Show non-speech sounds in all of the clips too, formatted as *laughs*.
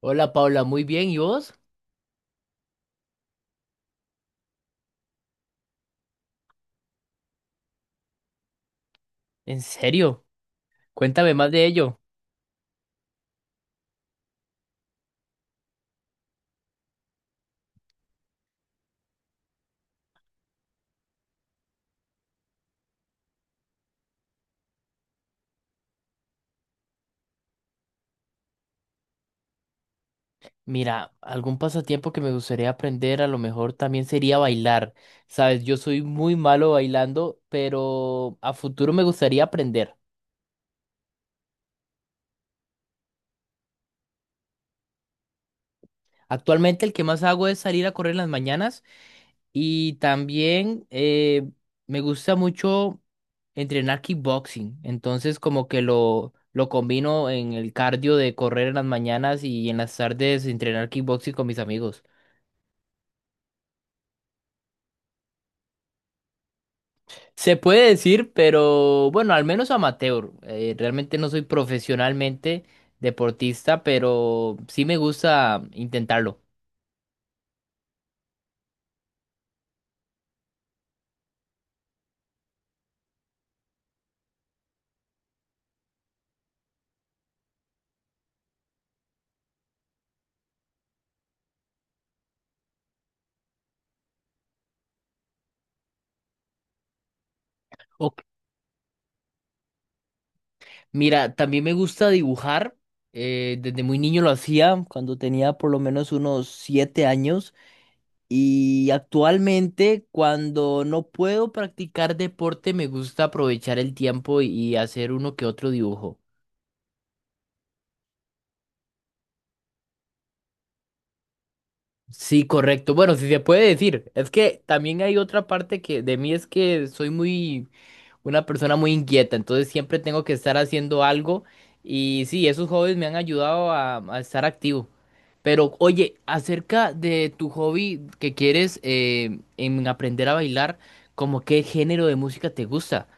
Hola Paula, muy bien, ¿y vos? ¿En serio? Cuéntame más de ello. Mira, algún pasatiempo que me gustaría aprender a lo mejor también sería bailar. Sabes, yo soy muy malo bailando, pero a futuro me gustaría aprender. Actualmente el que más hago es salir a correr en las mañanas y también me gusta mucho entrenar kickboxing. Entonces como que lo combino en el cardio de correr en las mañanas y en las tardes entrenar kickboxing con mis amigos. Se puede decir, pero bueno, al menos amateur. Realmente no soy profesionalmente deportista, pero sí me gusta intentarlo. Ok. Mira, también me gusta dibujar. Desde muy niño lo hacía, cuando tenía por lo menos unos 7 años. Y actualmente, cuando no puedo practicar deporte, me gusta aprovechar el tiempo y hacer uno que otro dibujo. Sí, correcto. Bueno, si se puede decir, es que también hay otra parte que de mí es que soy muy una persona muy inquieta, entonces siempre tengo que estar haciendo algo y sí, esos hobbies me han ayudado a estar activo. Pero oye, acerca de tu hobby que quieres en aprender a bailar, ¿cómo qué género de música te gusta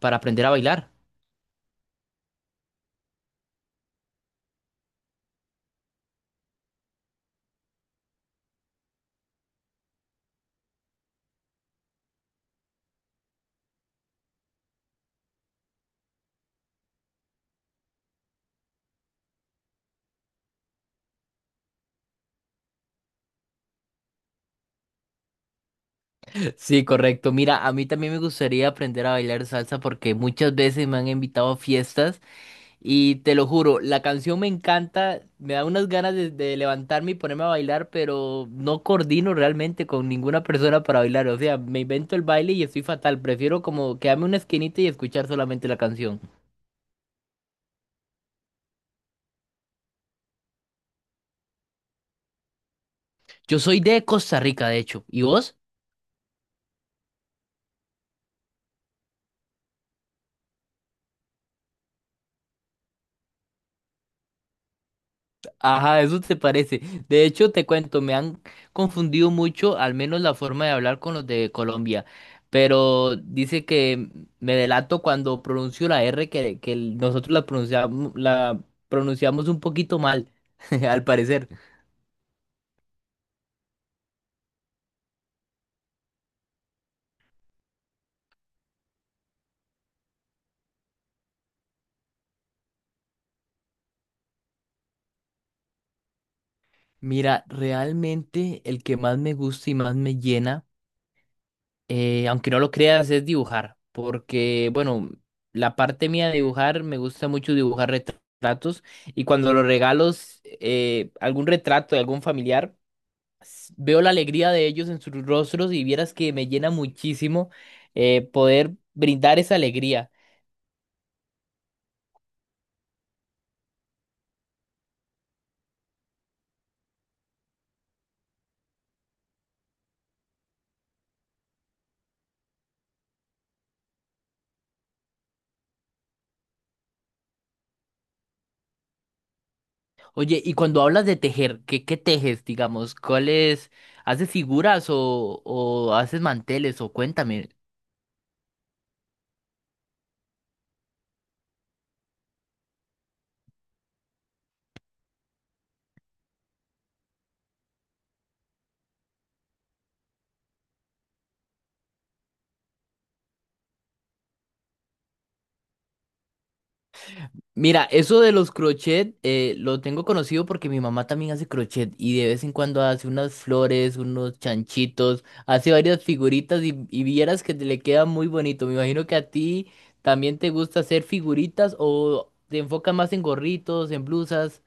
para aprender a bailar? *laughs* Sí, correcto. Mira, a mí también me gustaría aprender a bailar salsa porque muchas veces me han invitado a fiestas. Y te lo juro, la canción me encanta, me da unas ganas de levantarme y ponerme a bailar, pero no coordino realmente con ninguna persona para bailar. O sea, me invento el baile y estoy fatal. Prefiero como quedarme en una esquinita y escuchar solamente la canción. Yo soy de Costa Rica, de hecho. ¿Y vos? Ajá, eso te parece. De hecho, te cuento, me han confundido mucho, al menos la forma de hablar con los de Colombia. Pero dice que me delato cuando pronuncio la R que nosotros la pronunciamos un poquito mal, *laughs* al parecer. Mira, realmente el que más me gusta y más me llena. Aunque no lo creas, es dibujar, porque, bueno, la parte mía de dibujar, me gusta mucho dibujar retratos y cuando los regalos algún retrato de algún familiar, veo la alegría de ellos en sus rostros y vieras que me llena muchísimo poder brindar esa alegría. Oye, y cuando hablas de tejer, ¿qué tejes, digamos? ¿Cuáles? ¿Haces figuras o haces manteles? O cuéntame. Mira, eso de los crochet lo tengo conocido porque mi mamá también hace crochet y de vez en cuando hace unas flores, unos chanchitos, hace varias figuritas y vieras que te le queda muy bonito. Me imagino que a ti también te gusta hacer figuritas o te enfocas más en gorritos, en blusas.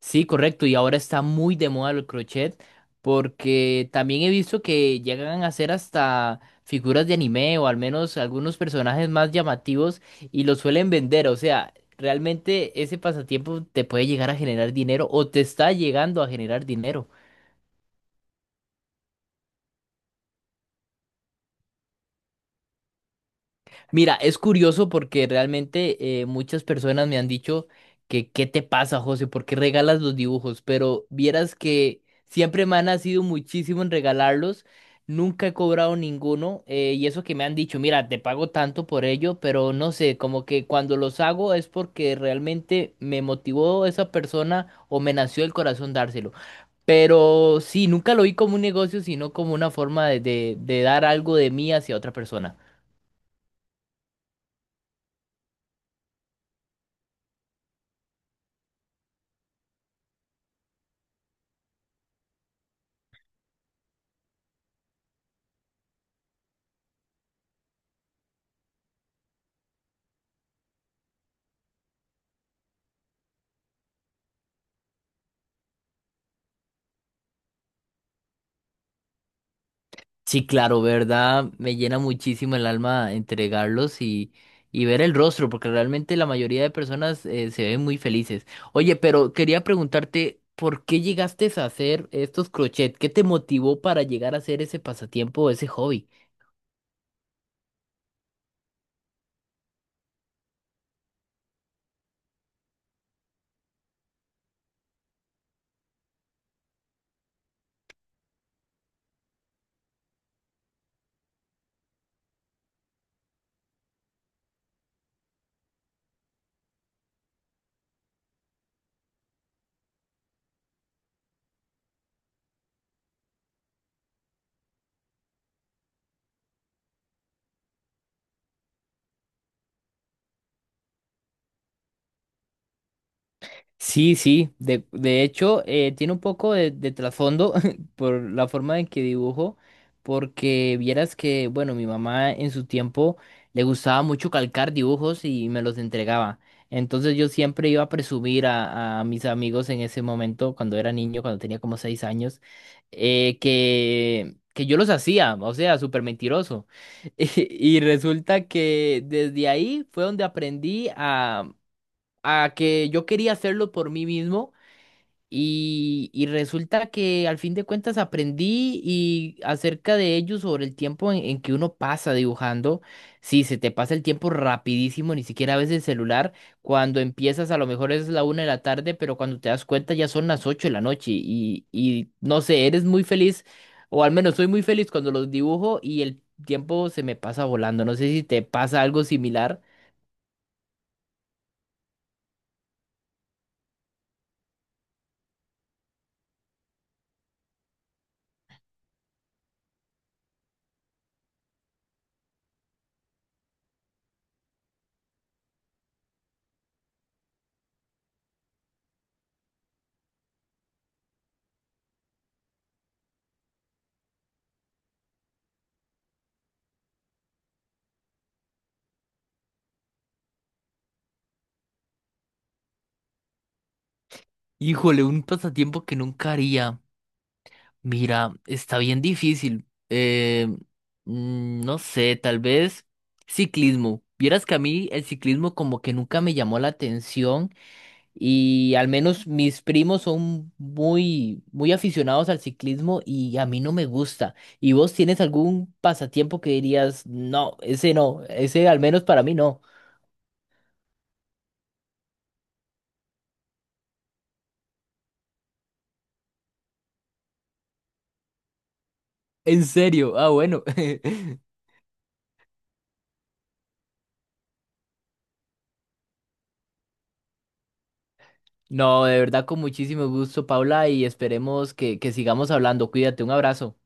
Sí, correcto. Y ahora está muy de moda el crochet porque también he visto que llegan a hacer hasta figuras de anime o al menos algunos personajes más llamativos y los suelen vender. O sea, realmente ese pasatiempo te puede llegar a generar dinero o te está llegando a generar dinero. Mira, es curioso porque realmente muchas personas me han dicho que ¿qué te pasa, José? ¿Por qué regalas los dibujos? Pero vieras que siempre me han sido muchísimo en regalarlos, nunca he cobrado ninguno y eso que me han dicho, mira, te pago tanto por ello, pero no sé, como que cuando los hago es porque realmente me motivó esa persona o me nació el corazón dárselo. Pero sí, nunca lo vi como un negocio, sino como una forma de, de dar algo de mí hacia otra persona. Sí, claro, verdad, me llena muchísimo el alma entregarlos y ver el rostro, porque realmente la mayoría de personas se ven muy felices. Oye, pero quería preguntarte, ¿por qué llegaste a hacer estos crochet? ¿Qué te motivó para llegar a hacer ese pasatiempo, ese hobby? Sí, sí, de hecho tiene un poco de trasfondo *laughs* por la forma en que dibujo, porque vieras que, bueno, mi mamá en su tiempo le gustaba mucho calcar dibujos y me los entregaba. Entonces yo siempre iba a presumir a mis amigos en ese momento, cuando era niño, cuando tenía como 6 años, que yo los hacía, o sea, súper mentiroso. *laughs* Y resulta que desde ahí fue donde aprendí a que yo quería hacerlo por mí mismo y resulta que al fin de cuentas aprendí y acerca de ello sobre el tiempo en que uno pasa dibujando. Sí, se te pasa el tiempo rapidísimo, ni siquiera ves el celular. Cuando empiezas a lo mejor es la 1 de la tarde, pero cuando te das cuenta ya son las 8 de la noche y no sé, eres muy feliz o al menos soy muy feliz cuando los dibujo y el tiempo se me pasa volando. No sé si te pasa algo similar. Híjole, un pasatiempo que nunca haría. Mira, está bien difícil. No sé, tal vez ciclismo. Vieras que a mí el ciclismo como que nunca me llamó la atención y al menos mis primos son muy, muy aficionados al ciclismo y a mí no me gusta. ¿Y vos tienes algún pasatiempo que dirías, no, ese no, ese al menos para mí no? ¿En serio? Ah, bueno. *laughs* No, de verdad con muchísimo gusto, Paula, y esperemos que sigamos hablando. Cuídate, un abrazo.